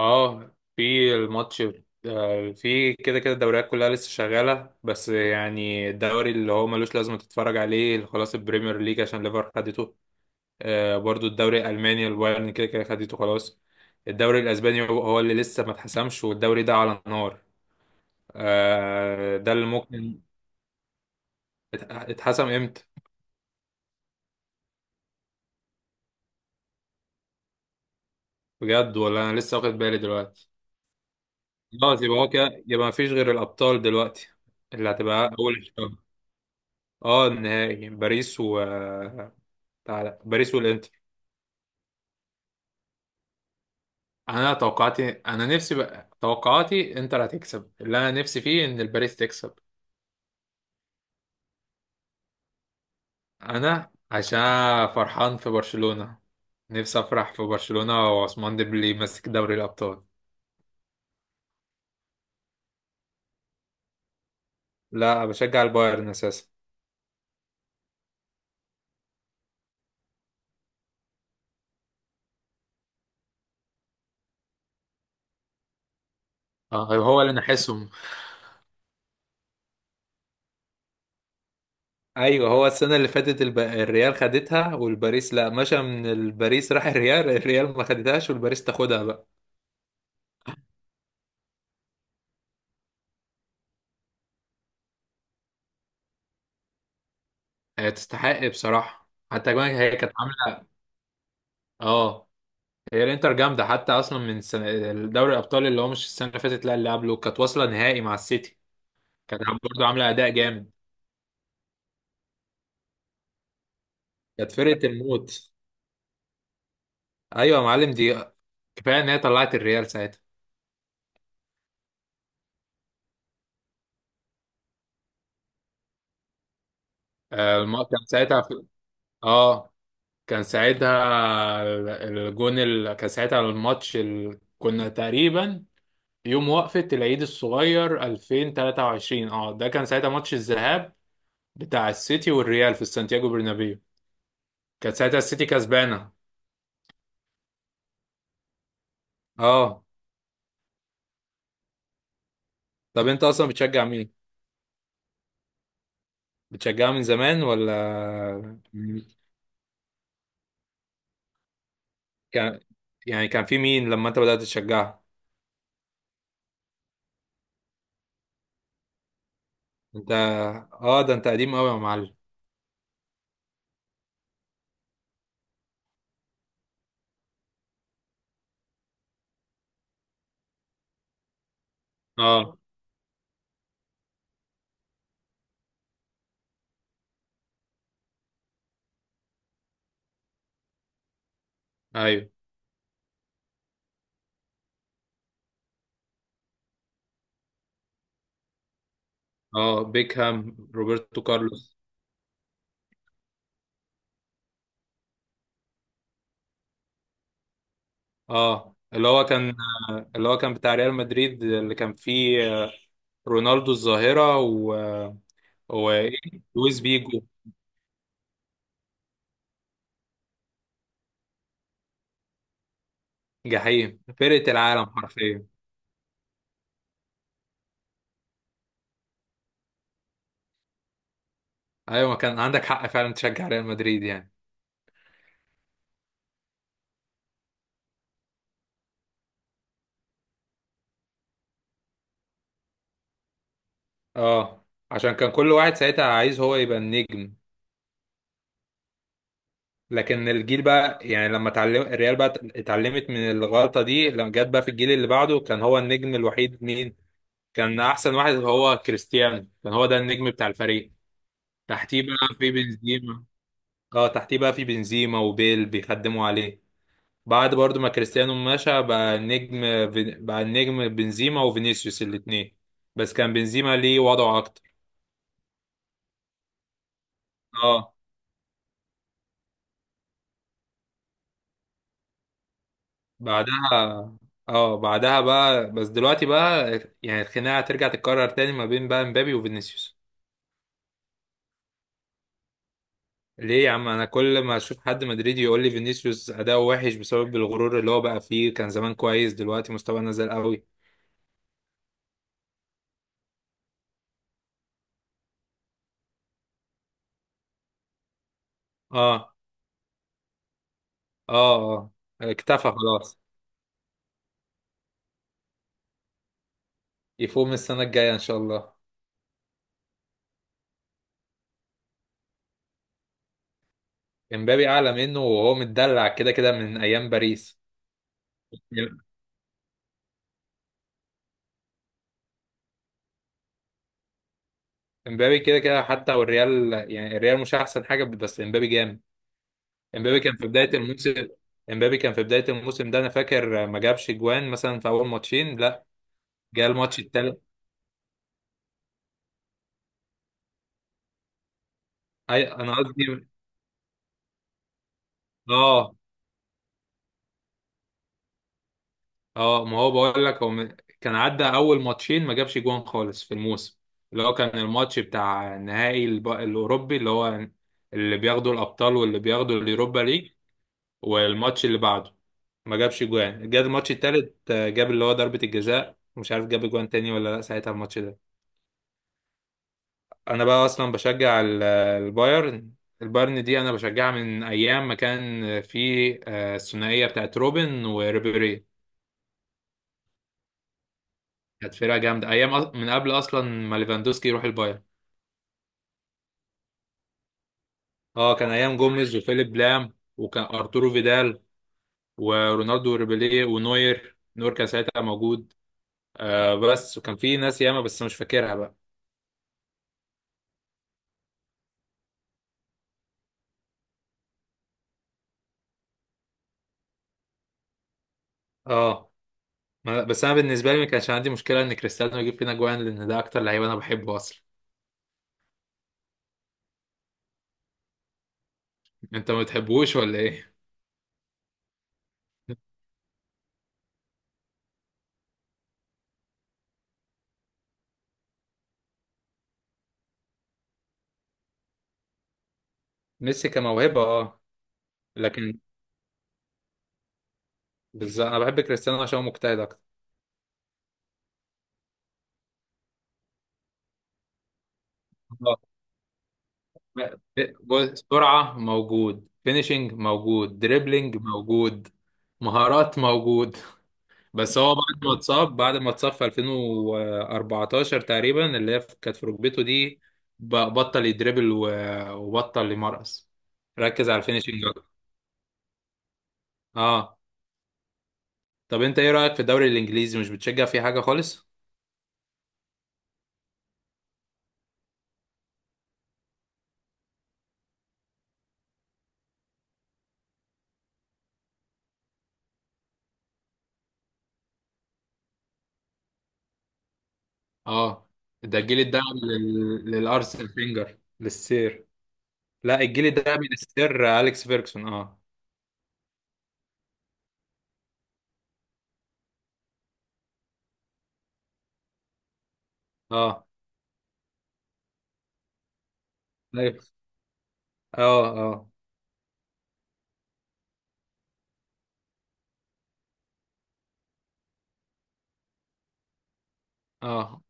اه، في الماتش. في كده كده الدوريات كلها لسه شغالة، بس يعني الدوري اللي هو ملوش لازمة تتفرج عليه خلاص البريمير ليج عشان ليفر خدته. برضو الدوري الألماني البايرن كده كده خدته خلاص. الدوري الأسباني هو هو اللي لسه ما اتحسمش، والدوري ده على النار. ده اللي ممكن. ات- اتحسم امتى؟ بجد؟ ولا أنا لسه واخد بالي دلوقتي. خلاص، يبقى هو كده، يبقى ما فيش غير الأبطال دلوقتي، اللي هتبقى أول الشهر. اه، النهائي باريس و باريس والانتر. انا توقعاتي، انا نفسي بقى، توقعاتي انتر هتكسب، اللي انا نفسي فيه ان الباريس تكسب. انا عشان فرحان في برشلونة، نفسي افرح في برشلونة، وعثمان ديمبلي ماسك دوري الابطال. لا، بشجع البايرن اساسا. اه، هو اللي نحسهم. ايوه، هو السنة اللي فاتت الريال خدتها، والباريس لا، مشى من الباريس راح الريال الريال ما خدتهاش والباريس تاخدها بقى. هي تستحق بصراحة، حتى كمان هي كانت عاملة. اه، هي الانتر جامده، حتى اصلا من سنة دوري الابطال، اللي هو مش السنه اللي فاتت، لا اللي قبله، كانت واصله نهائي مع السيتي، كانت برضه عامله اداء جامد. كانت فرقه الموت. ايوه يا معلم، دي كفايه ان هي طلعت الريال ساعتها. كان ساعتها اه، كان ساعتها الجون كان ساعتها الماتش كنا تقريبا يوم وقفة العيد الصغير 2023. اه، ده كان ساعتها ماتش الذهاب بتاع السيتي والريال في سانتياغو برنابيو، كانت ساعتها السيتي كسبانه. اه. طب انت اصلا بتشجع مين؟ بتشجعها من زمان ولا؟ كان، يعني كان في مين لما انت بدأت تشجعها؟ انت؟ اه، ده انت قديم قوي يا معلم. اه. ايوه. اه، بيكهام، روبرتو كارلوس. اه اللي هو كان. اللي هو كان بتاع ريال مدريد اللي كان فيه، آه، رونالدو الظاهرة و و ايه؟ لويس بيجو، جحيم، فرقة العالم حرفيا. ايوه، ما كان عندك حق فعلا تشجع ريال مدريد يعني. اه، عشان كان كل واحد ساعتها عايز هو يبقى النجم. لكن الجيل بقى، يعني لما اتعلم الريال بقى، اتعلمت من الغلطة دي، لما جت بقى في الجيل اللي بعده كان هو النجم الوحيد مين؟ كان أحسن واحد هو كريستيانو، كان هو ده النجم بتاع الفريق. تحتيه بقى في بنزيما. اه، تحتيه بقى في بنزيما وبيل، بيخدموا عليه. بعد برضو ما كريستيانو مشى، بقى النجم، بقى النجم بنزيما وفينيسيوس الاتنين. بس كان بنزيما ليه وضعه أكتر. اه. بعدها، اه، بعدها بقى، بس دلوقتي بقى يعني الخناقه هترجع تتكرر تاني ما بين بقى مبابي وفينيسيوس. ليه يا عم؟ انا كل ما اشوف حد مدريدي يقول لي فينيسيوس اداؤه وحش بسبب الغرور اللي هو بقى فيه، كان زمان كويس، دلوقتي مستواه نزل قوي. اه. اه اه. اكتفى خلاص، يفوق السنه الجايه ان شاء الله. امبابي اعلى منه، وهو متدلع كده كده من ايام باريس. امبابي كده كده، حتى والريال يعني الريال مش احسن حاجه، بس امبابي جامد. امبابي كان في بداية الموسم، امبابي كان في بداية الموسم ده، انا فاكر ما جابش جوان مثلا في اول ماتشين لا. جه الماتش التالت. اي، انا قصدي، اه اه، ما هو بقول لك هو، كان عدى اول ماتشين ما جابش جوان خالص في الموسم، اللي هو كان الماتش بتاع نهائي الاوروبي اللي هو، اللي بياخدوا الابطال واللي بياخدوا اليوروبا ليج. والماتش اللي بعده ما جابش جوان. جه الماتش التالت، آه، جاب اللي هو ضربة الجزاء، مش عارف جاب جوان تاني ولا لا ساعتها الماتش ده. انا بقى اصلا بشجع البايرن. البايرن دي انا بشجعها من ايام ما كان في، آه، الثنائيه بتاعت روبن وريبيري. كانت فرقه جامده ايام، من قبل اصلا ما ليفاندوسكي يروح البايرن. اه، كان ايام جوميز وفيليب لام، وكان ارتورو فيدال ورونالدو وريبيري ونوير، نوير كان ساعتها موجود. آه بس. وكان في ناس ياما بس مش فاكرها بقى. اه. بس انا بالنسبه لي ما كانش عندي مشكله ان كريستيانو يجيب فينا جوان، لان ده اكتر لعيب انا بحبه اصلا. انت ما بتحبوش ولا ايه؟ ميسي كموهبة اه، لكن بالظبط، انا بحب كريستيانو عشان هو مجتهد اكتر. آه. بص، سرعة موجود، فينيشنج موجود، دريبلينج موجود، مهارات موجود. بس هو بعد ما اتصاب، في 2014 تقريبا، اللي هي كانت في ركبته دي، بطل يدريبل، وبطل يمرقص. ركز على الفينيشنج أكتر. اه. طب انت ايه رأيك في الدوري الانجليزي؟ مش بتشجع فيه حاجة خالص؟ اه. ده الجيل ده للارسنال فينجر، للسير. لا، الجيل ده من السير اليكس فيرجسون. اه. اه. ايوه. اه اه اه.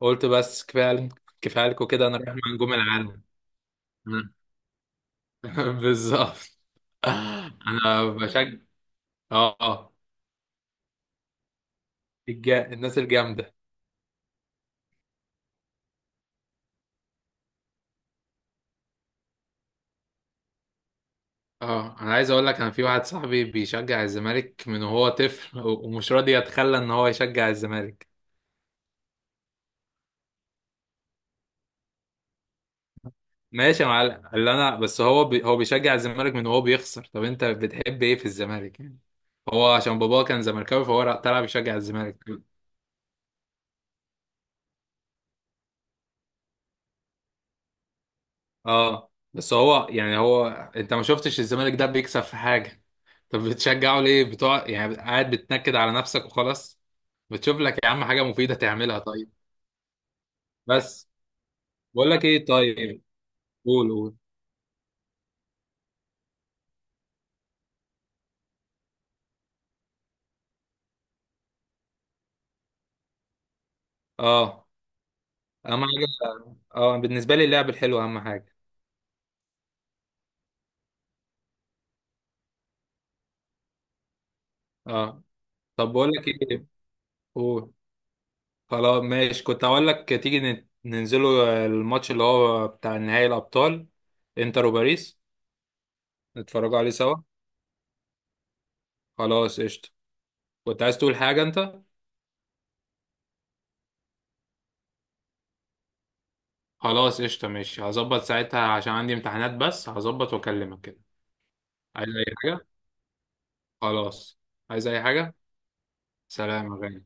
قلت بس، كفايه عليكم كده، انا رايح مع نجوم العالم. بالظبط. انا بشجع. اه اه. الناس الجامده. اه، انا عايز اقول لك انا، في واحد صاحبي بيشجع الزمالك من وهو طفل، ومش راضي يتخلى ان هو يشجع الزمالك. ماشي يا معلم، اللي انا بس هو هو بيشجع الزمالك من وهو بيخسر. طب انت بتحب ايه في الزمالك يعني؟ هو عشان باباه كان زملكاوي، فهو طلع بيشجع الزمالك. اه، بس هو يعني هو، انت ما شفتش الزمالك ده بيكسب في حاجة؟ طب بتشجعه ليه بتوع يعني؟ قاعد بتنكد على نفسك وخلاص. بتشوف لك يا عم حاجة مفيدة تعملها طيب. بس. بقول لك ايه؟ طيب. قول قول. اه، اهم حاجة. اه، بالنسبة لي اللعب الحلو اهم حاجة. اه. طب بقول لك ايه؟ قول. خلاص ماشي، كنت هقول لك تيجي ننزلوا الماتش اللي هو بتاع نهائي الأبطال، انتر وباريس، نتفرجوا عليه سوا. خلاص قشطة. كنت عايز تقول حاجة انت؟ خلاص قشطة ماشي، هظبط ساعتها عشان عندي امتحانات، بس هظبط واكلمك كده. عايز أي حاجة؟ خلاص. عايز أي حاجة. سلام يا غالي.